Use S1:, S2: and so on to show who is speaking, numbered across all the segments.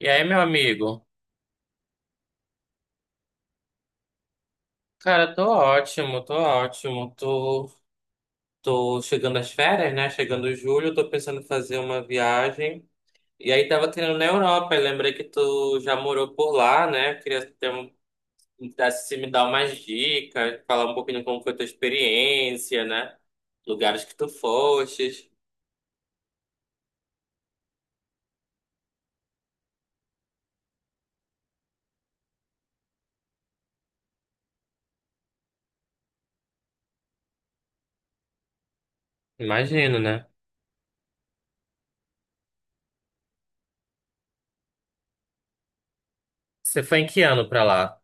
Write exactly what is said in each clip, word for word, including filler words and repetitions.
S1: E aí, meu amigo? Cara, tô ótimo, tô ótimo. Tô, tô chegando às férias, né? Chegando em julho, tô pensando em fazer uma viagem. E aí, tava querendo na Europa. Eu lembrei que tu já morou por lá, né? Queria ter um, dar- Se me dar umas dicas, falar um pouquinho como foi tua experiência, né? Lugares que tu fostes. Imagino, né? Você foi em que ano pra lá?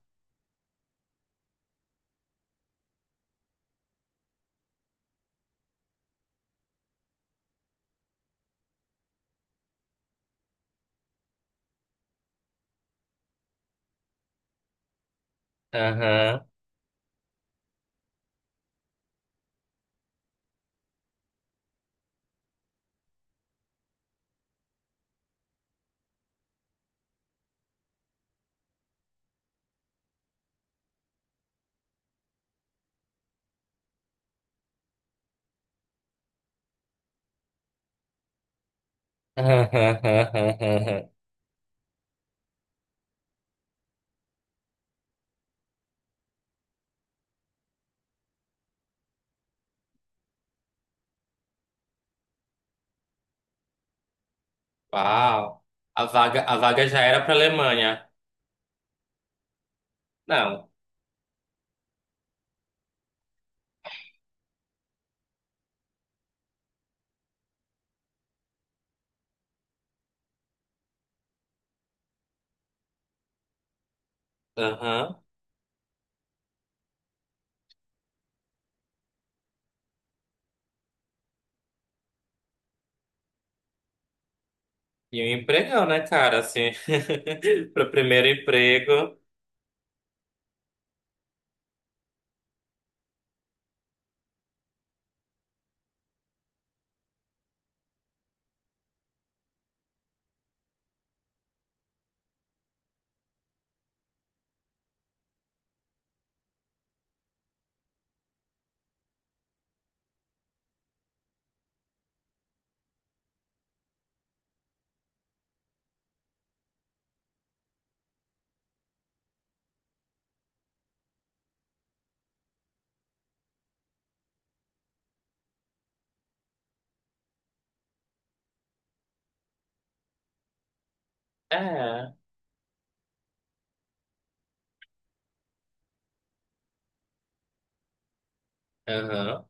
S1: Aham. Uau. A vaga, a vaga já era pra Alemanha. Não, aham. E um empregão, né, cara? Assim, pro primeiro emprego. É, aham.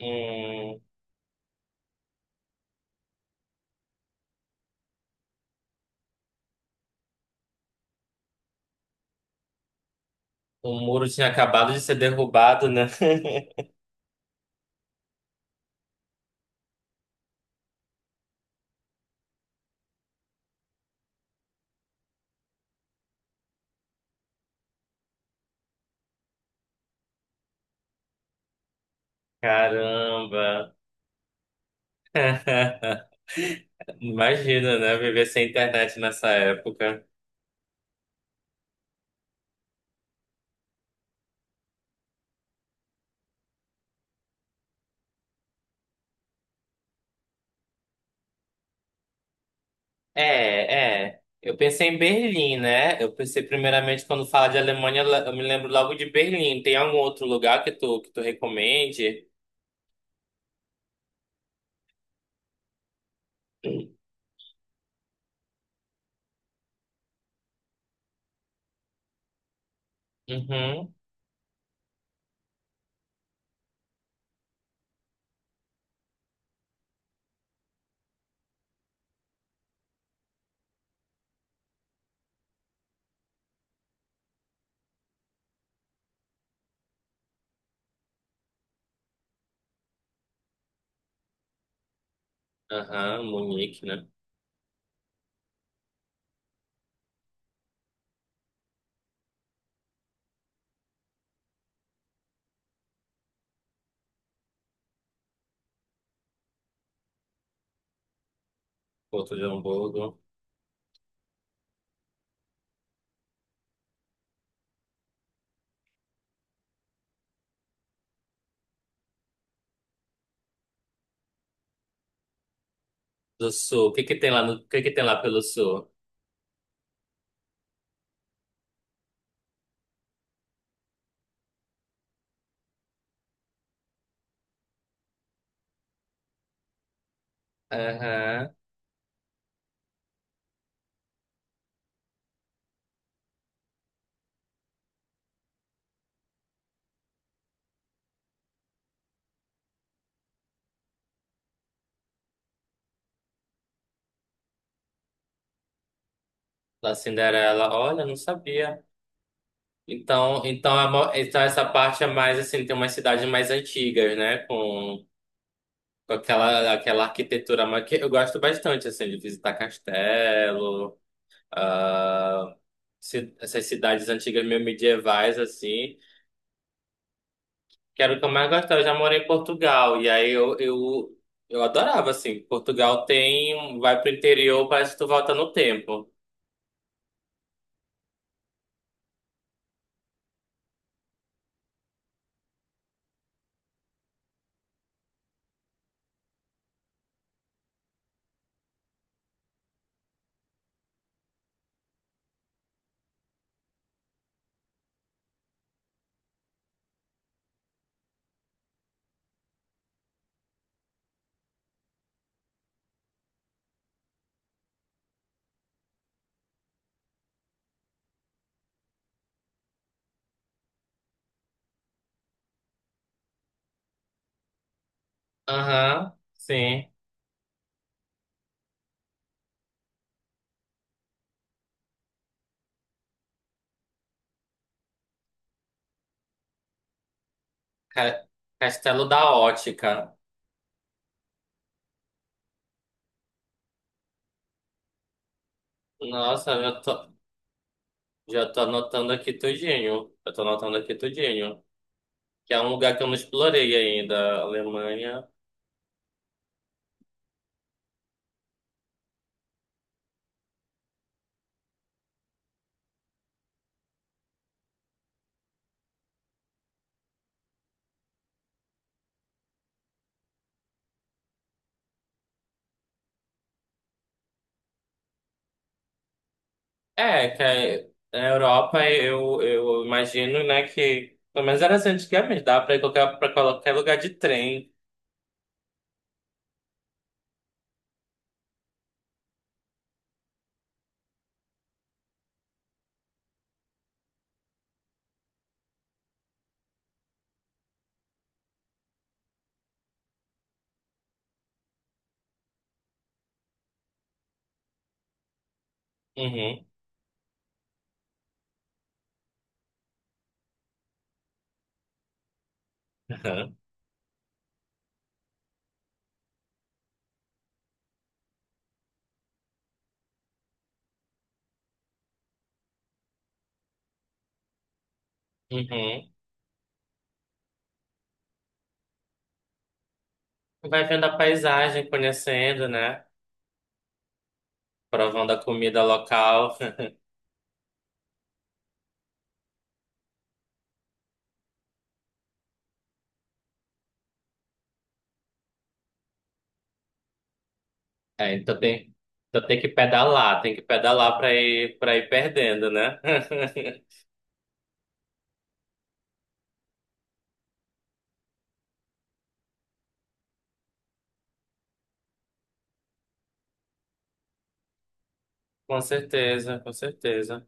S1: Um, o muro tinha acabado de ser derrubado, né? Caramba. Imagina, né? Viver sem internet nessa época. É, é. Eu pensei em Berlim, né? Eu pensei primeiramente quando fala de Alemanha, eu me lembro logo de Berlim. Tem algum outro lugar que tu, que tu recomende? Uhum. Aham, Munique, né? Porto de Hamburgo. Do sul. O que que tem lá no, o que que tem lá pelo sul? Aham. Da Cinderela. Olha, não sabia. Então, então, é mo- então essa parte é mais assim, tem umas cidades mais antigas, né? Com, com aquela, aquela arquitetura mais que eu gosto bastante, assim, de visitar castelo, ah, ci- essas cidades antigas meio medievais, assim, que era o que eu mais gostava. Eu já morei em Portugal. E aí eu, eu, eu adorava, assim. Portugal tem. Vai pro interior, parece que tu volta no tempo. Aham, sim. Ca- Castelo da Ótica. Nossa, eu tô, já tô anotando aqui tudinho. Eu tô anotando aqui tudinho. Que é um lugar que eu não explorei ainda, Alemanha. É, que é, na Europa eu, eu imagino, né, que pelo menos era assim antigamente, dá pra ir qualquer, pra qualquer lugar de trem. Uhum. Aham. Uhum. Vai vendo a paisagem, conhecendo, né? Provando a comida local. É, então tem, então tem que pedalar, tem que pedalar para ir, para ir perdendo, né? Com certeza, com certeza.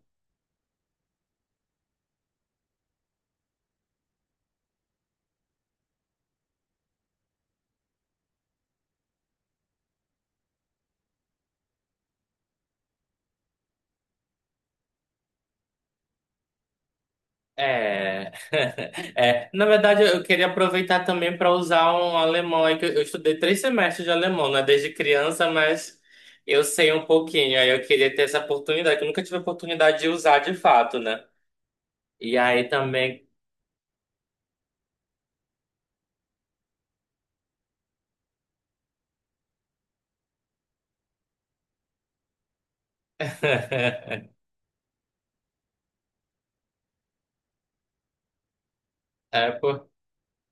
S1: É, é, na verdade, eu queria aproveitar também para usar um alemão aí, que eu eu estudei três semestres de alemão, né, desde criança, mas eu sei um pouquinho, aí eu queria ter essa oportunidade, que eu nunca tive a oportunidade de usar de fato, né? E aí também. É.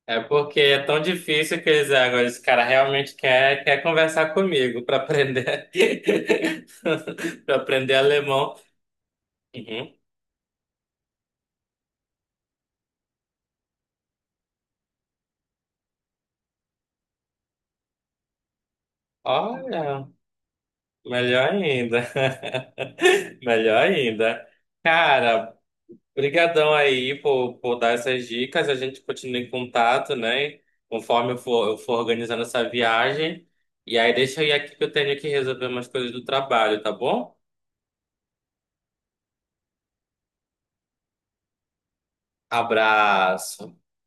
S1: É porque é tão difícil que eles, ah, agora esse cara realmente quer, quer conversar comigo para aprender, para aprender alemão. Uhum. Olha, melhor ainda, melhor ainda. Cara, brigadão aí por, por dar essas dicas. A gente continua em contato, né? Conforme eu for, eu for organizando essa viagem. E aí deixa eu ir aqui que eu tenho que resolver umas coisas do trabalho, tá bom? Abraço.